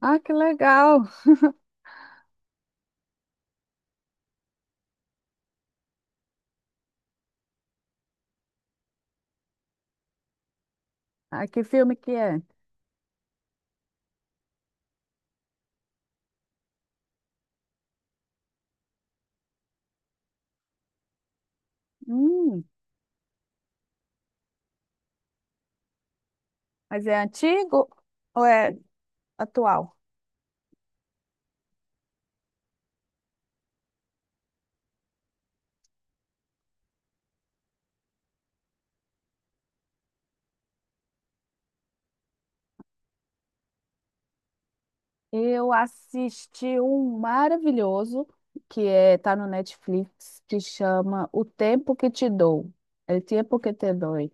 Ah, que legal. Ah, que filme que é? Hum, mas é antigo ou é atual? Eu assisti um maravilhoso que é, tá no Netflix, que chama O Tempo que Te Dou. É O Tempo que Te Doi.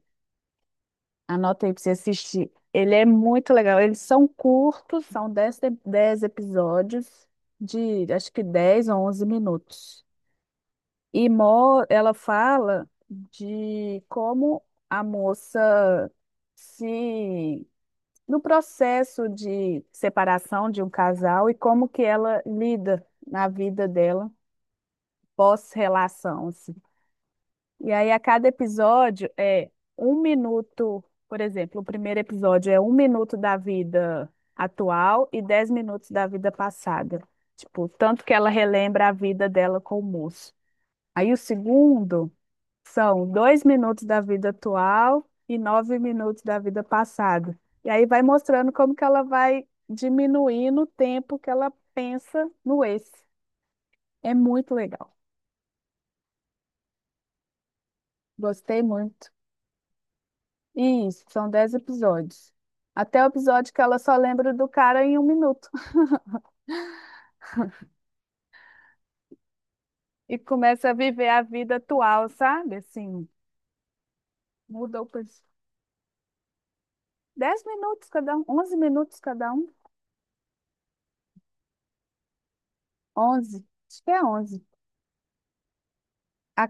Anota aí pra você assistir. Ele é muito legal. Eles são curtos, são dez episódios de acho que 10 ou 11 minutos. E ela fala de como a moça se no processo de separação de um casal e como que ela lida na vida dela pós-relação, assim. E aí a cada episódio é 1 minuto, por exemplo, o primeiro episódio é 1 minuto da vida atual e 10 minutos da vida passada. Tipo, tanto que ela relembra a vida dela com o moço. Aí o segundo são 2 minutos da vida atual e 9 minutos da vida passada. E aí vai mostrando como que ela vai diminuindo o tempo que ela pensa no esse. É muito legal. Gostei muito. E isso, são 10 episódios. Até o episódio que ela só lembra do cara em 1 minuto e começa a viver a vida atual, sabe? Assim, mudou por 10 minutos cada um, 11 minutos cada um, onze, acho que é onze. A-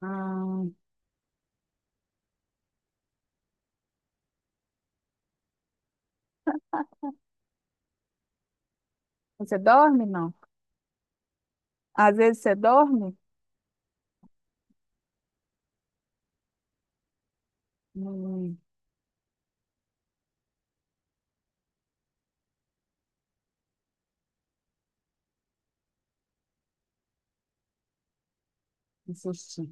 Ah, você dorme? Não. Às vezes você dorme. Hum, que susto.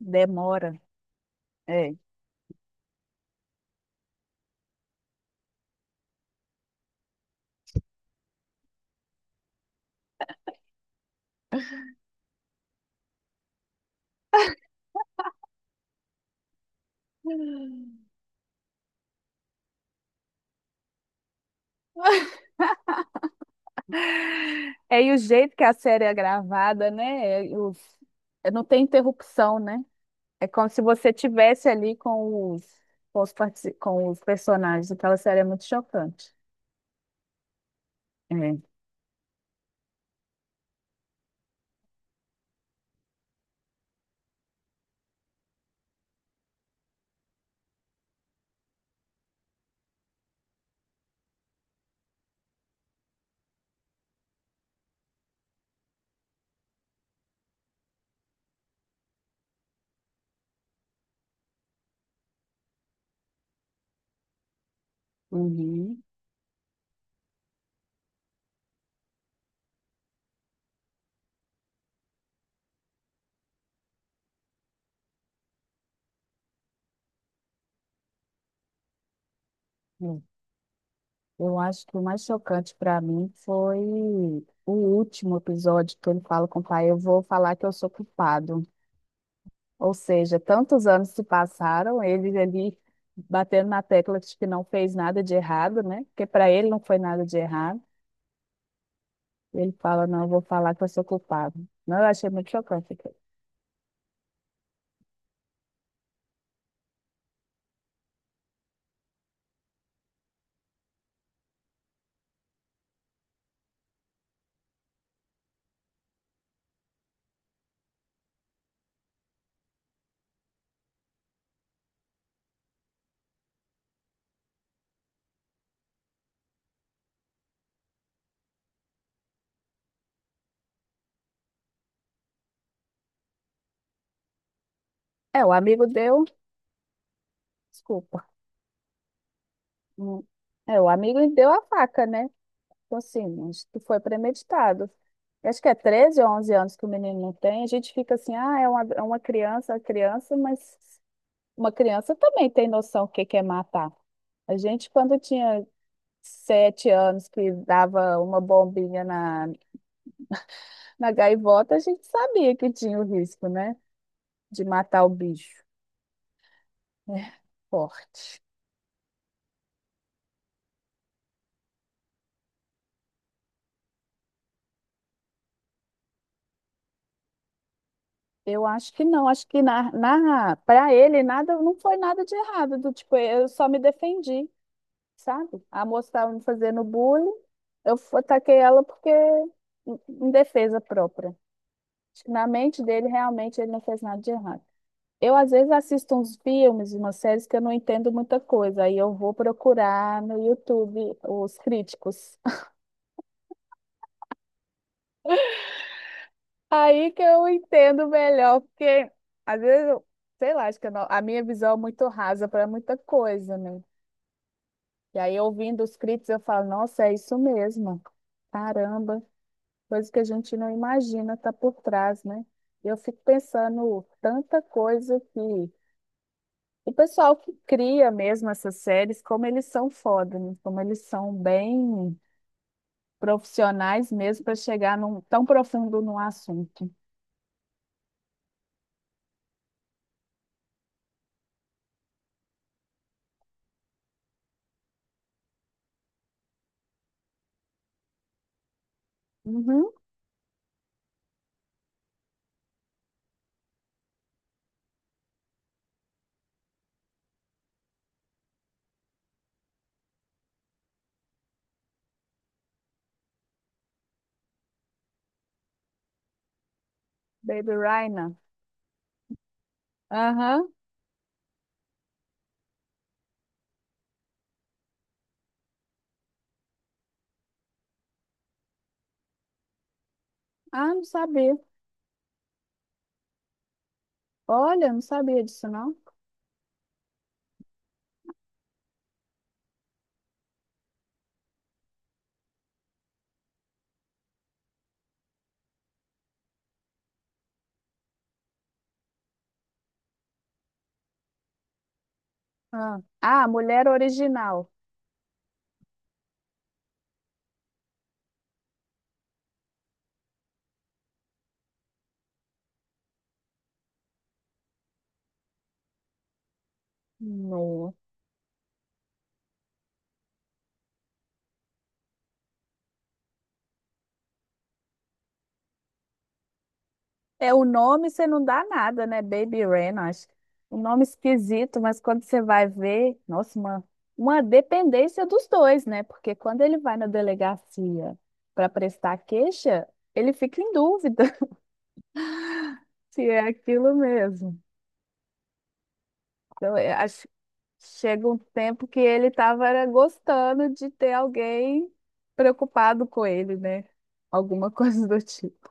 Demora. É. É, e o jeito que a série é gravada, né? É, não tem interrupção, né? É como se você tivesse ali com os com os personagens. Aquela série é muito chocante. É. Uhum. É. Eu acho que o mais chocante para mim foi o último episódio que ele fala com o pai. Eu vou falar que eu sou culpado. Ou seja, tantos anos se passaram, ele ali batendo na tecla de que não fez nada de errado, né? Porque para ele não foi nada de errado. Ele fala, não, eu vou falar que eu sou culpado. Não, eu achei muito chocante aquilo. É, o amigo deu, desculpa. Hum. É, o amigo deu a faca, né? Então, assim, acho que foi premeditado. Eu acho que é 13 ou 11 anos que o menino não tem. A gente fica assim, ah, é uma criança, mas uma criança também tem noção do que é matar. A gente, quando tinha 7 anos que dava uma bombinha na, na gaivota, a gente sabia que tinha o risco, né? De matar o bicho. É forte. Eu acho que não, acho que para ele nada, não foi nada de errado, do tipo, eu só me defendi, sabe? A moça estava me fazendo bullying, ataquei ela porque em defesa própria. Acho que na mente dele realmente ele não fez nada de errado. Eu, às vezes, assisto uns filmes, umas séries que eu não entendo muita coisa. Aí eu vou procurar no YouTube os críticos. Aí que eu entendo melhor, porque às vezes, eu, sei lá, acho que eu não- a minha visão é muito rasa para muita coisa, né? E aí, ouvindo os críticos, eu falo, nossa, é isso mesmo. Caramba, coisa que a gente não imagina tá por trás, né? E eu fico pensando tanta coisa que o pessoal que cria mesmo essas séries, como eles são foda, né? Como eles são bem profissionais mesmo para chegar tão profundo no assunto. Uhum. Baby Rhino. Aham. Ah, não sabia. Olha, não sabia disso, não. Ah, ah, mulher original. É, o nome você não dá nada, né? Baby Ren, acho. Um nome esquisito, mas quando você vai ver, nossa, uma dependência dos dois, né? Porque quando ele vai na delegacia para prestar queixa, ele fica em dúvida se é aquilo mesmo. Então, é, acho, chega um tempo que ele estava gostando de ter alguém preocupado com ele, né? Alguma coisa do tipo.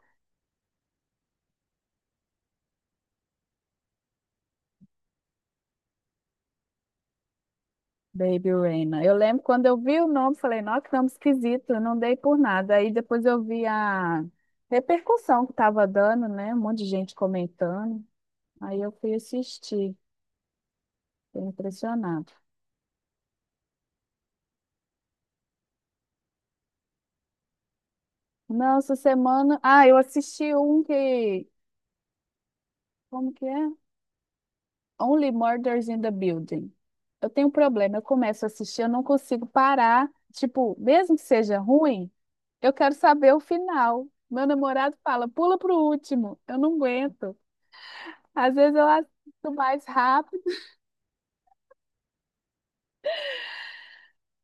Baby Reina. Eu lembro quando eu vi o nome, falei, nossa, que nome esquisito, eu não dei por nada. Aí depois eu vi a repercussão que estava dando, né? Um monte de gente comentando. Aí eu fui assistir, fiquei impressionado. Não, essa semana. Ah, eu assisti um que. Como que é? Only Murders in the Building. Eu tenho um problema, eu começo a assistir, eu não consigo parar. Tipo, mesmo que seja ruim, eu quero saber o final. Meu namorado fala, pula pro último, eu não aguento. Às vezes eu assisto mais rápido.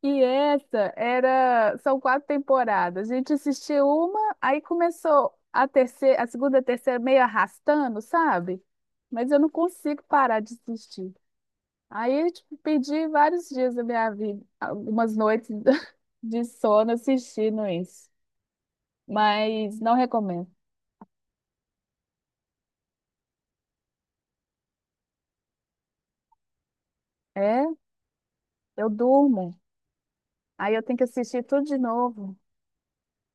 E essa era, são 4 temporadas. A gente assistiu uma, aí começou a terceira, a segunda, a terceira meio arrastando, sabe? Mas eu não consigo parar de assistir. Aí, tipo, perdi vários dias da minha vida, algumas noites de sono assistindo isso. Mas não recomendo. É, eu durmo. Aí eu tenho que assistir tudo de novo.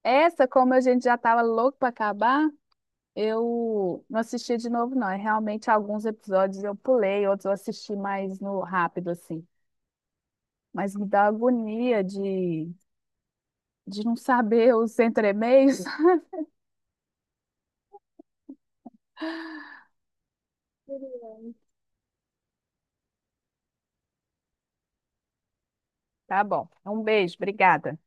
Essa, como a gente já estava louco para acabar, eu não assisti de novo, não. É realmente, alguns episódios eu pulei, outros eu assisti mais no rápido, assim. Mas me dá agonia de não saber os entremeios. Tá bom. Um beijo, obrigada.